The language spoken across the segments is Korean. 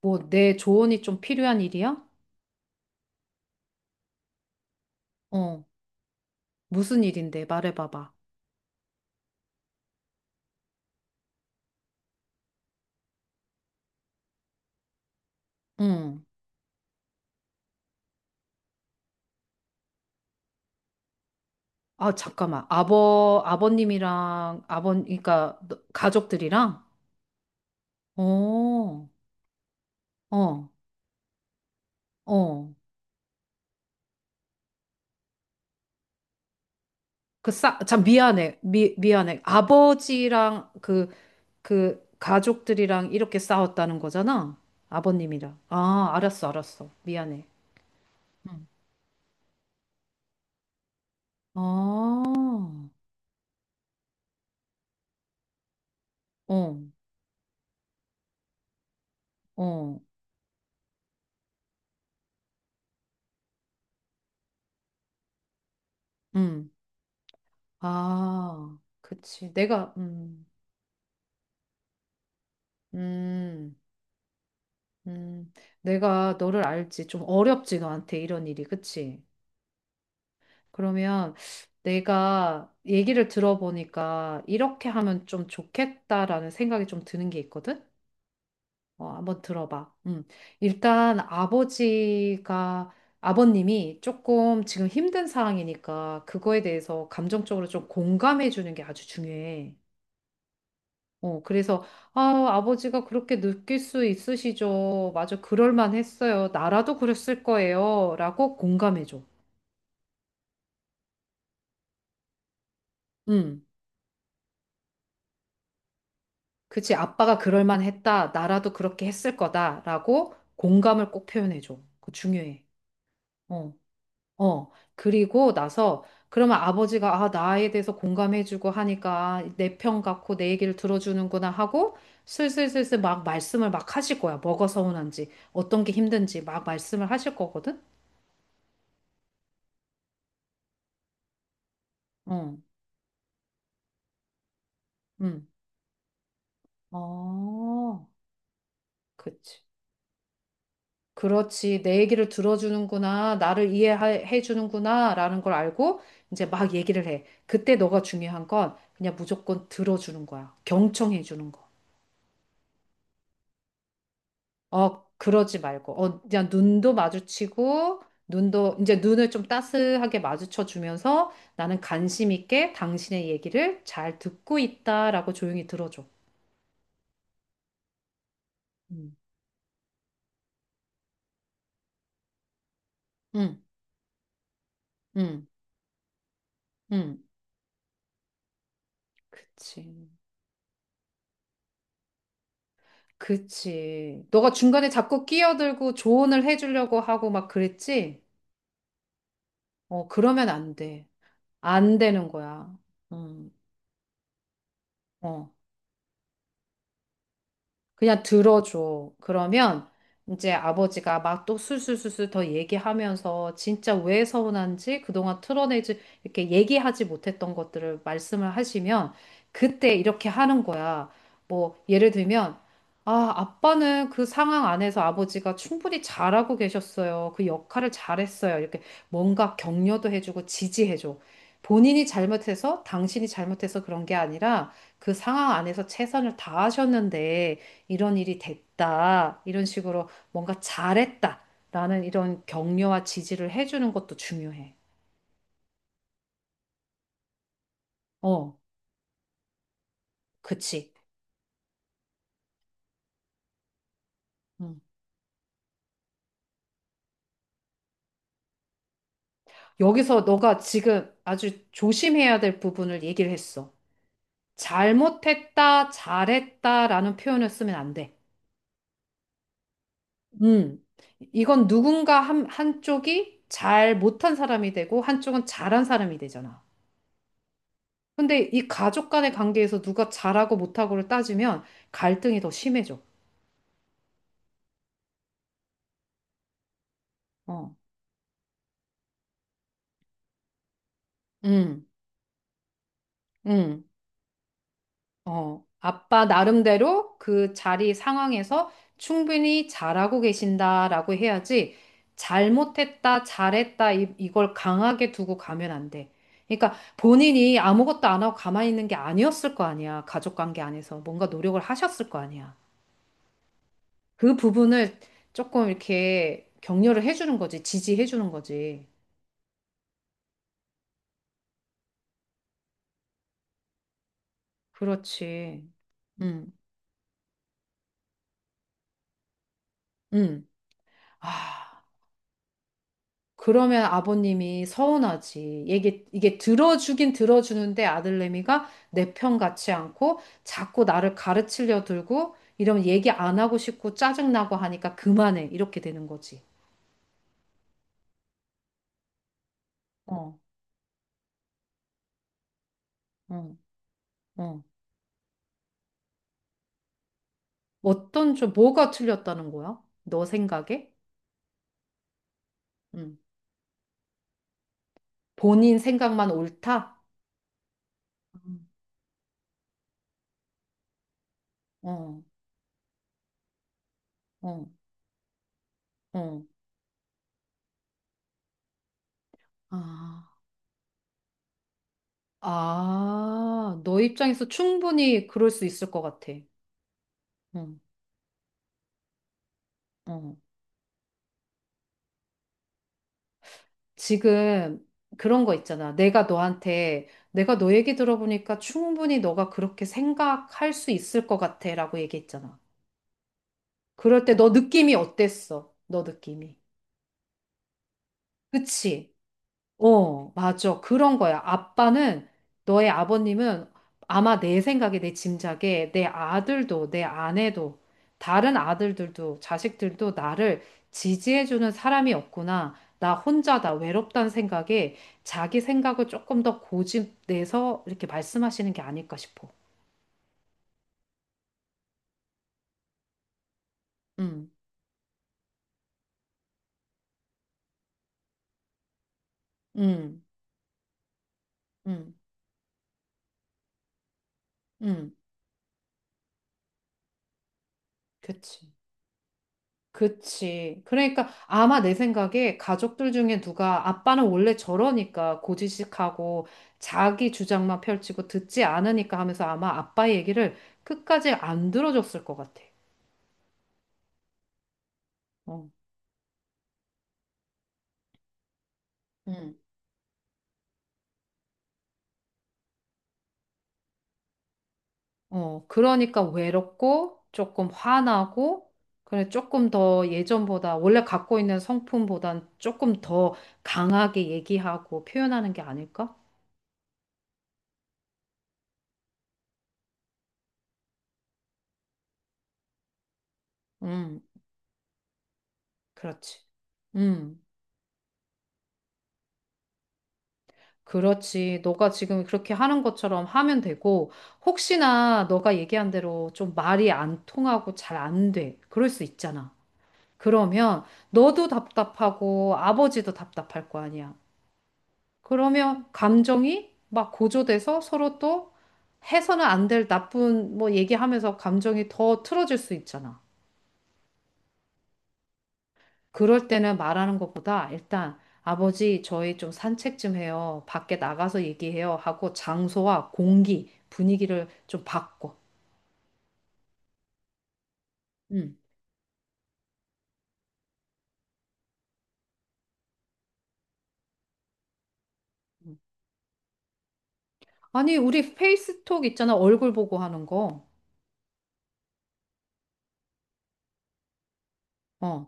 뭐, 내 조언이 좀 필요한 일이야? 어, 무슨 일인데? 말해봐봐. 응. 아, 잠깐만. 그러니까, 너- 가족들이랑? 어, 어, 어. 그 싸, 참, 미안해. 미안해. 아버지랑 그 가족들이랑 이렇게 싸웠다는 거잖아? 아버님이랑. 아, 알았어, 알았어. 미안해. 응. 아, 어, 어, 응. 아, 그치. 내가, 음, 음, 내가 너를 알지. 좀 어렵지, 너한테 이런 일이. 그치? 그러면 내가 얘기를 들어보니까 이렇게 하면 좀 좋겠다라는 생각이 좀 드는 게 있거든? 어, 한번 들어봐. 일단 아버지가, 아버님이 조금 지금 힘든 상황이니까 그거에 대해서 감정적으로 좀 공감해 주는 게 아주 중요해. 어, 그래서, 아, 아버지가 그렇게 느낄 수 있으시죠. 맞아, 그럴만 했어요. 나라도 그랬을 거예요. 라고 공감해줘. 음, 그치, 아빠가 그럴만 했다. 나라도 그렇게 했을 거다. 라고 공감을 꼭 표현해줘. 그거 중요해. 어, 어. 그리고 나서, 그러면 아버지가, 아, 나에 대해서 공감해주고 하니까 내 편 같고 내 얘기를 들어주는구나 하고 슬슬슬슬 막 말씀을 막 하실 거야. 뭐가 서운한지, 어떤 게 힘든지 막 말씀을 하실 거거든? 어. 음. 어, 그치. 그렇지. 내 얘기를 들어주는구나. 나를 이해해 주는구나. 라는 걸 알고 이제 막 얘기를 해. 그때 너가 중요한 건 그냥 무조건 들어주는 거야. 경청해 주는 거. 어, 그러지 말고. 어, 그냥 눈도 마주치고, 눈도, 이제 눈을 좀 따스하게 마주쳐 주면서 나는 관심 있게 당신의 얘기를 잘 듣고 있다라고 조용히 들어줘. 음. 응, 응, 응. 그치. 그치. 너가 중간에 자꾸 끼어들고 조언을 해주려고 하고 막 그랬지? 어, 그러면 안 돼. 안 되는 거야. 음, 어. 그냥 들어줘. 그러면 이제 아버지가 막 또 술술술술 더 얘기하면서 진짜 왜 서운한지 그동안 틀어내지 이렇게 얘기하지 못했던 것들을 말씀을 하시면 그때 이렇게 하는 거야. 뭐 예를 들면 아, 아빠는 그 상황 안에서 아버지가 충분히 잘하고 계셨어요. 그 역할을 잘했어요. 이렇게 뭔가 격려도 해주고 지지해줘. 본인이 잘못해서 당신이 잘못해서 그런 게 아니라 그 상황 안에서 최선을 다하셨는데 이런 일이 됐다. 이런 식으로 뭔가 잘했다. 라는 이런 격려와 지지를 해주는 것도 중요해. 어, 그치. 음. 여기서 너가 지금 아주 조심해야 될 부분을 얘기를 했어. 잘못했다, 잘했다라는 표현을 쓰면 안 돼. 음. 이건 누군가 한쪽이 잘 못한 사람이 되고 한쪽은 잘한 사람이 되잖아. 근데 이 가족 간의 관계에서 누가 잘하고 못하고를 따지면 갈등이 더 심해져. 어. 음. 응, 어, 아빠 나름대로 그 자리 상황에서 충분히 잘하고 계신다라고 해야지 잘못했다, 잘했다 이걸 강하게 두고 가면 안 돼. 그러니까 본인이 아무것도 안 하고 가만히 있는 게 아니었을 거 아니야. 가족 관계 안에서 뭔가 노력을 하셨을 거 아니야. 그 부분을 조금 이렇게 격려를 해주는 거지, 지지해주는 거지. 그렇지. 응, 응. 아. 그러면 아버님이 서운하지. 이게 들어주긴 들어주는데 아들내미가 내 편 같지 않고 자꾸 나를 가르치려 들고 이러면 얘기 안 하고 싶고 짜증나고 하니까 그만해. 이렇게 되는 거지. 어, 어, 어. 어떤 좀 뭐가 틀렸다는 거야? 너 생각에? 응. 본인 생각만 옳다? 음. 어, 어, 어. 아, 아, 너 입장에서 충분히 그럴 수 있을 것 같아. 응, 어. 지금 그런 거 있잖아. 내가 너한테, 내가 너 얘기 들어보니까 충분히 너가 그렇게 생각할 수 있을 것 같아 라고 얘기했잖아. 그럴 때 너 느낌이 어땠어? 너 느낌이. 그치? 어, 맞아. 그런 거야. 아빠는, 너의 아버님은 아마 내 생각에, 내 짐작에, 내 아들도, 내 아내도, 다른 아들들도, 자식들도 나를 지지해주는 사람이 없구나. 나 혼자다, 외롭다는 생각에 자기 생각을 조금 더 고집내서 이렇게 말씀하시는 게 아닐까 싶어. 음, 음, 음, 음, 그치. 그치. 그러니까 아마 내 생각에 가족들 중에 누가 아빠는 원래 저러니까 고지식하고 자기 주장만 펼치고 듣지 않으니까 하면서 아마 아빠 얘기를 끝까지 안 들어줬을 것 같아. 어. 응. 어, 그러니까 외롭고 조금 화나고 그래 조금 더 예전보다 원래 갖고 있는 성품보단 조금 더 강하게 얘기하고 표현하는 게 아닐까? 음, 그렇지. 음. 그렇지. 너가 지금 그렇게 하는 것처럼 하면 되고, 혹시나 너가 얘기한 대로 좀 말이 안 통하고 잘 안 돼. 그럴 수 있잖아. 그러면 너도 답답하고 아버지도 답답할 거 아니야. 그러면 감정이 막 고조돼서 서로 또 해서는 안 될 나쁜 뭐 얘기하면서 감정이 더 틀어질 수 있잖아. 그럴 때는 말하는 것보다 일단 아버지 저희 좀 산책 좀 해요. 밖에 나가서 얘기해요. 하고 장소와 공기, 분위기를 좀 바꿔. 음. 음. 아니, 우리 페이스톡 있잖아. 얼굴 보고 하는 거. 어.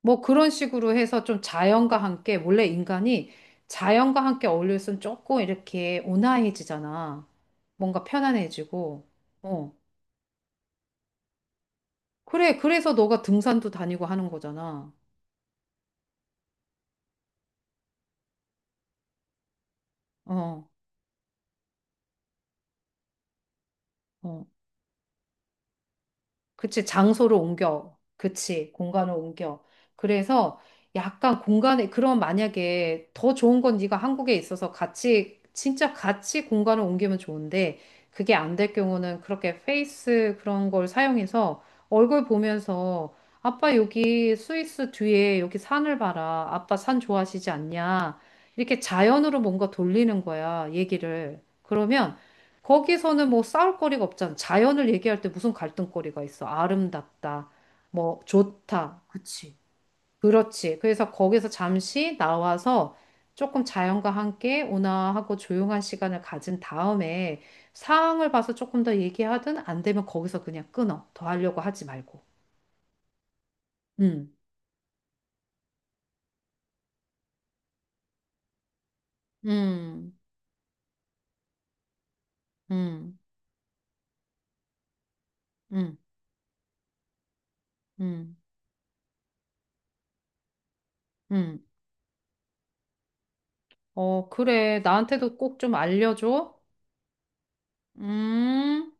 뭐 그런 식으로 해서 좀 자연과 함께, 원래 인간이 자연과 함께 어울려있으면 조금 이렇게 온화해지잖아. 뭔가 편안해지고. 어. 그래, 그래서 너가 등산도 다니고 하는 거잖아. 어. 어. 그치, 장소를 옮겨. 그치, 공간을 옮겨. 그래서 약간 공간에, 그럼 만약에 더 좋은 건 네가 한국에 있어서 같이, 진짜 같이 공간을 옮기면 좋은데, 그게 안 될 경우는 그렇게 페이스 그런 걸 사용해서 얼굴 보면서, 아빠 여기 스위스 뒤에 여기 산을 봐라. 아빠 산 좋아하시지 않냐. 이렇게 자연으로 뭔가 돌리는 거야, 얘기를. 그러면 거기서는 뭐 싸울 거리가 없잖아. 자연을 얘기할 때 무슨 갈등거리가 있어? 아름답다, 뭐 좋다, 그치. 그렇지. 그래서 거기서 잠시 나와서 조금 자연과 함께 온화하고 조용한 시간을 가진 다음에 상황을 봐서 조금 더 얘기하든 안 되면 거기서 그냥 끊어. 더 하려고 하지 말고. 음, 음, 음, 음, 음, 음. 어, 그래. 나한테도 꼭 좀 알려줘. 음.